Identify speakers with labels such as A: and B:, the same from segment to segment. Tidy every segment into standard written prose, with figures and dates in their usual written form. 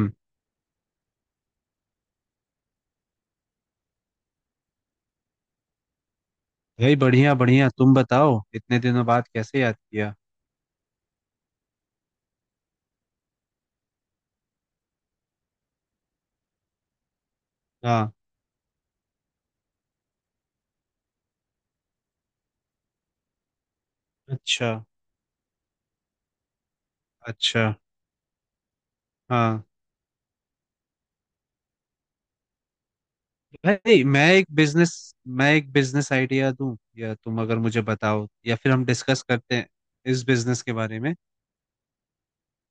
A: हम्म, भाई बढ़िया बढ़िया तुम बताओ इतने दिनों बाद कैसे याद किया। हाँ। अच्छा। अच्छा। हाँ भाई मैं एक बिजनेस आइडिया दूं, या तुम अगर मुझे बताओ, या फिर हम डिस्कस करते हैं इस बिजनेस के बारे में।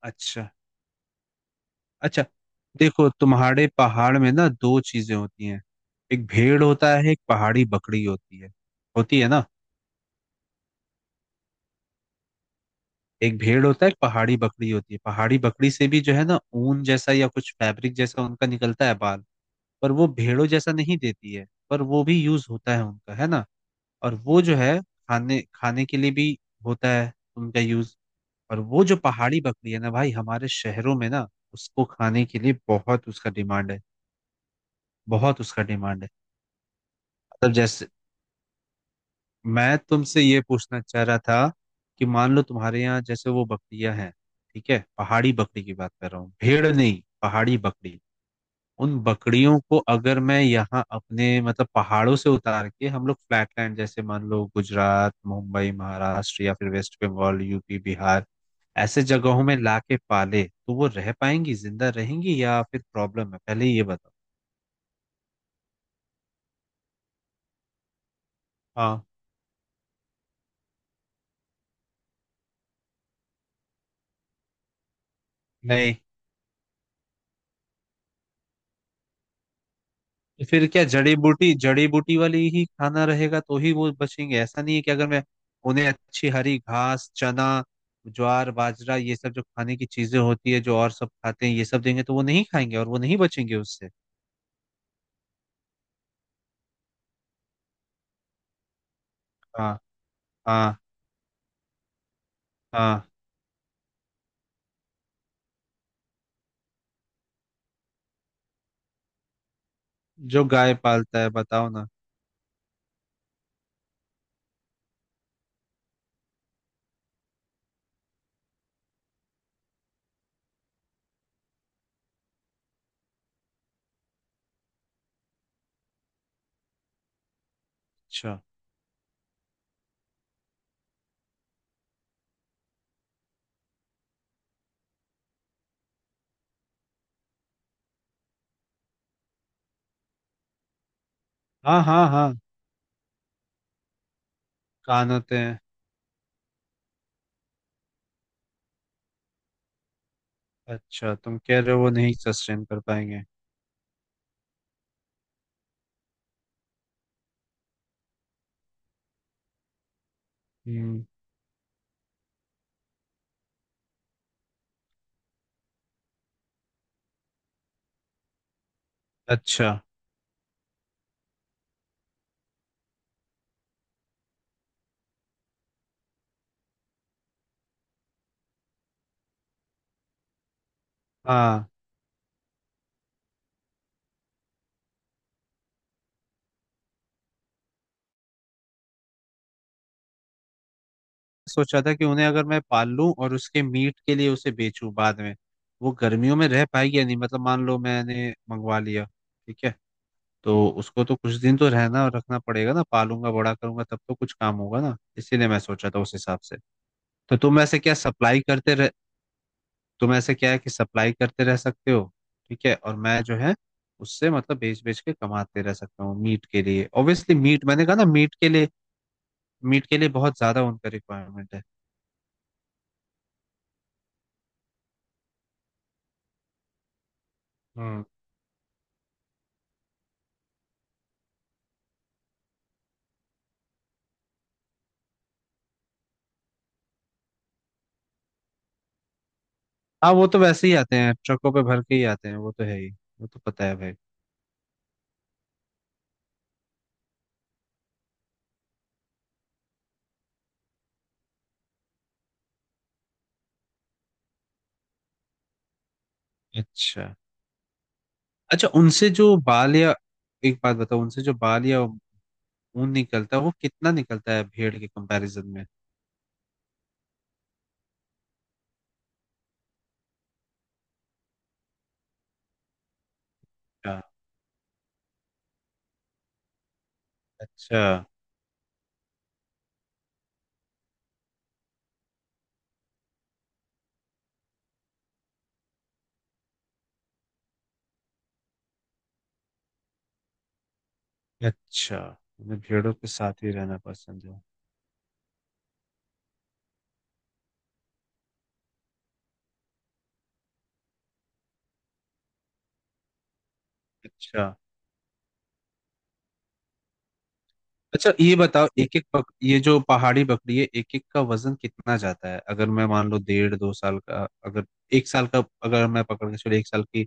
A: अच्छा। अच्छा। देखो तुम्हारे पहाड़ में ना दो चीजें होती हैं। एक भेड़ होता है, एक पहाड़ी बकरी होती है। होती है ना? एक भेड़ होता है, एक पहाड़ी बकरी होती है। पहाड़ी बकरी से भी जो है ना ऊन जैसा या कुछ फैब्रिक जैसा उनका निकलता है बाल। पर वो भेड़ों जैसा नहीं देती है, पर वो भी यूज होता है उनका, है ना। और वो जो है खाने खाने के लिए भी होता है उनका यूज। और वो जो पहाड़ी बकरी है ना भाई, हमारे शहरों में ना उसको खाने के लिए बहुत उसका डिमांड है। बहुत उसका डिमांड है। मतलब जैसे मैं तुमसे ये पूछना चाह रहा था कि मान लो तुम्हारे यहाँ जैसे वो बकरियां हैं, ठीक है, पहाड़ी बकरी की बात कर रहा हूँ, भेड़ नहीं, पहाड़ी बकरी। उन बकरियों को अगर मैं यहाँ अपने मतलब पहाड़ों से उतार के हम लोग फ्लैट लैंड, जैसे मान लो गुजरात, मुंबई, महाराष्ट्र या फिर वेस्ट बंगाल, यूपी, बिहार, ऐसे जगहों में लाके पाले, तो वो रह पाएंगी, जिंदा रहेंगी या फिर प्रॉब्लम है, पहले ये बताओ। हाँ। नहीं। तो फिर क्या जड़ी बूटी वाली ही खाना रहेगा तो ही वो बचेंगे? ऐसा नहीं है कि अगर मैं उन्हें अच्छी हरी घास, चना, ज्वार, बाजरा, ये सब जो खाने की चीजें होती है जो और सब खाते हैं, ये सब देंगे तो वो नहीं खाएंगे और वो नहीं बचेंगे उससे? हाँ। हाँ। हाँ, जो गाय पालता है बताओ ना। अच्छा। हाँ। हाँ। हाँ, कान होते हैं। अच्छा तुम कह रहे हो वो नहीं सस्टेन कर पाएंगे। हम्म। अच्छा। हाँ। सोचा था कि उन्हें अगर मैं पाल लूं और उसके मीट के लिए उसे बेचूं बाद में। वो गर्मियों में रह पाएगी या नहीं, मतलब मान लो मैंने मंगवा लिया, ठीक है, तो उसको तो कुछ दिन तो रहना और रखना पड़ेगा ना, पालूंगा, बड़ा करूंगा, तब तो कुछ काम होगा ना, इसीलिए मैं सोचा था उस हिसाब से। तो तुम ऐसे क्या है कि सप्लाई करते रह सकते हो। ठीक है, और मैं जो है उससे मतलब बेच बेच के कमाते रह सकता हूँ, मीट के लिए, ऑब्वियसली मीट, मैंने कहा ना मीट के लिए। मीट के लिए बहुत ज्यादा उनका रिक्वायरमेंट है। हम्म। हाँ, वो तो वैसे ही आते हैं, ट्रकों पे भर के ही आते हैं वो तो, है ही। वो तो पता है भाई। अच्छा। अच्छा, उनसे जो बाल या एक बात बताओ, उनसे जो बाल या ऊन निकलता है वो कितना निकलता है भेड़ के कंपैरिजन में। अच्छा। अच्छा। अच्छा, तुम्हें भेड़ों के साथ ही रहना पसंद है? अच्छा। अच्छा ये बताओ, एक एक पक, ये जो पहाड़ी बकरी है एक एक का वजन कितना जाता है? अगर मैं मान लो 1.5-2 साल का, अगर एक साल का, अगर मैं पकड़ के चलो एक साल की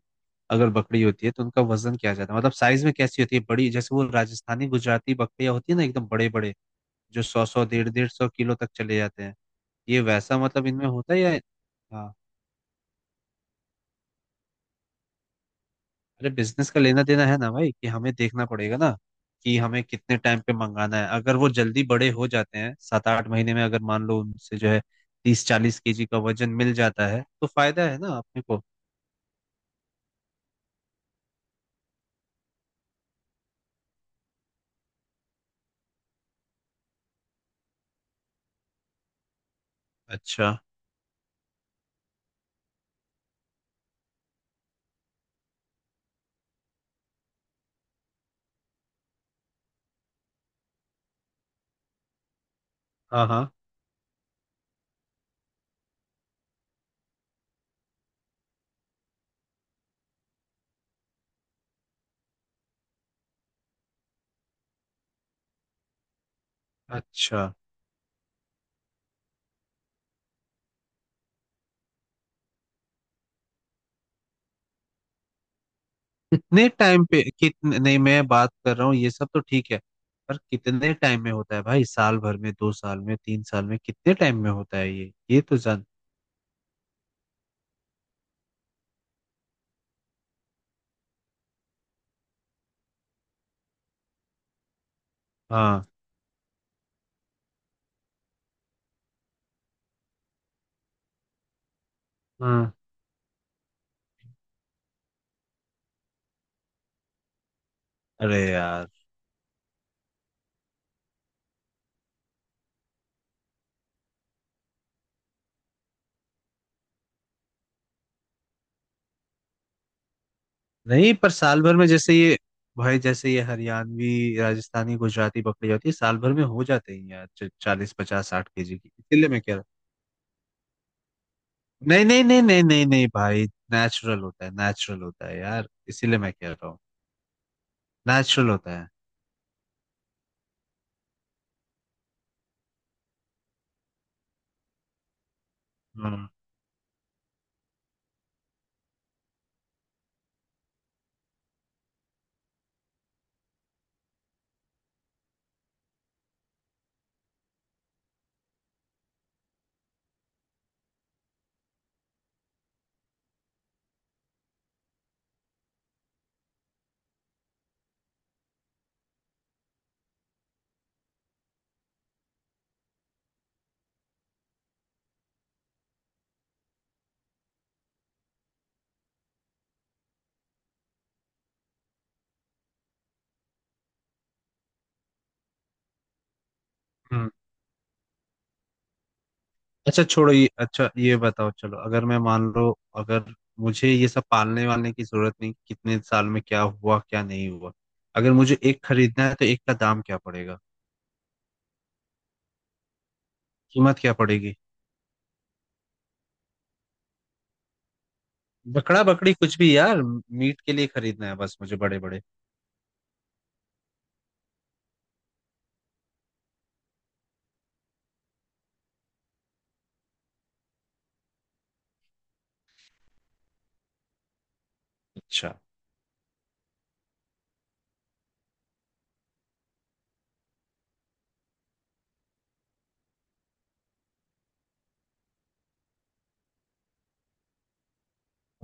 A: अगर बकरी होती है, तो उनका वजन क्या जाता है, मतलब साइज में कैसी होती है, बड़ी जैसे वो राजस्थानी गुजराती बकरियां होती है ना, एकदम बड़े बड़े जो 100-150 किलो तक चले जाते हैं, ये वैसा मतलब इनमें होता है या? हाँ, अरे बिजनेस का लेना देना है ना भाई, कि हमें देखना पड़ेगा ना कि हमें कितने टाइम पे मंगाना है, अगर वो जल्दी बड़े हो जाते हैं 7-8 महीने में, अगर मान लो उनसे जो है 30-40 केजी का वजन मिल जाता है तो फायदा है ना अपने को। अच्छा। हाँ। हाँ। अच्छा, कितने टाइम पे कितने, नहीं मैं बात कर रहा हूँ ये सब तो ठीक है, पर कितने टाइम में होता है भाई, साल भर में, 2 साल में, 3 साल में, कितने टाइम में होता है ये तो जान। हाँ। हाँ। अरे यार, नहीं, पर साल भर में जैसे ये भाई, जैसे ये हरियाणवी राजस्थानी गुजराती बकरी होती है साल भर में हो जाते हैं यार 40, 50, 60 केजी की, इसीलिए मैं कह रहा हूँ। नहीं नहीं नहीं नहीं नहीं नहीं भाई, नेचुरल होता है, नेचुरल होता है यार, इसीलिए मैं कह रहा हूँ। नेचुरल होता है। हम्म। हम्म। अच्छा छोड़ो ये, अच्छा ये बताओ, चलो अगर मैं मान लो, अगर मुझे ये सब पालने वालने की जरूरत नहीं, कितने साल में क्या हुआ क्या नहीं हुआ, अगर मुझे एक खरीदना है तो एक का दाम क्या पड़ेगा, कीमत क्या पड़ेगी? बकड़ा बकड़ी कुछ भी यार, मीट के लिए खरीदना है बस, मुझे बड़े बड़े। अच्छा।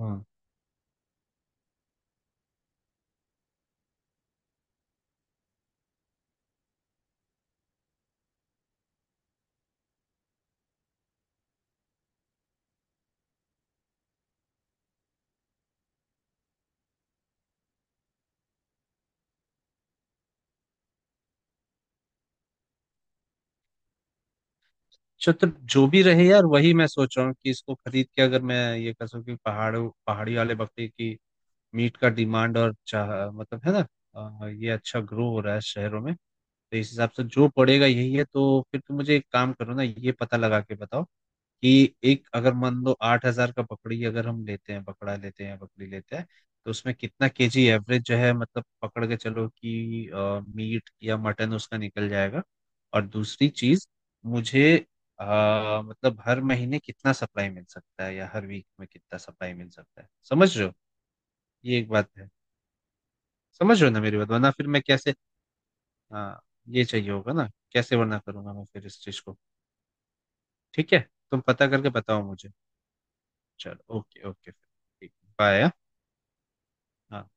A: हाँ। अच्छा तो जो भी रहे यार, वही मैं सोच रहा हूँ कि इसको खरीद के अगर मैं ये कर सकूँ कि पहाड़ों पहाड़ी वाले बकरे की मीट का डिमांड और चाह मतलब है ना, ये अच्छा ग्रो हो रहा है शहरों में, तो इस हिसाब से जो पड़ेगा यही है, तो फिर तुम मुझे एक काम करो ना, ये पता लगा के बताओ कि एक अगर मान लो 8,000 का पकड़ी अगर हम लेते हैं, पकड़ा लेते हैं, पकड़ी लेते हैं, तो उसमें कितना केजी एवरेज जो है, मतलब पकड़ के चलो कि मीट या मटन उसका निकल जाएगा। और दूसरी चीज, मुझे अ, मतलब हर महीने कितना सप्लाई मिल सकता है या हर वीक में कितना सप्लाई मिल सकता है, समझ रहे हो। ये एक बात है। समझ रहे हो ना मेरी बात, वरना फिर मैं कैसे। हाँ, ये चाहिए होगा ना, कैसे वरना करूंगा मैं फिर इस चीज को। ठीक है, तुम पता करके बताओ मुझे। चलो, ओके ओके, ठीक। बाय। हाँ।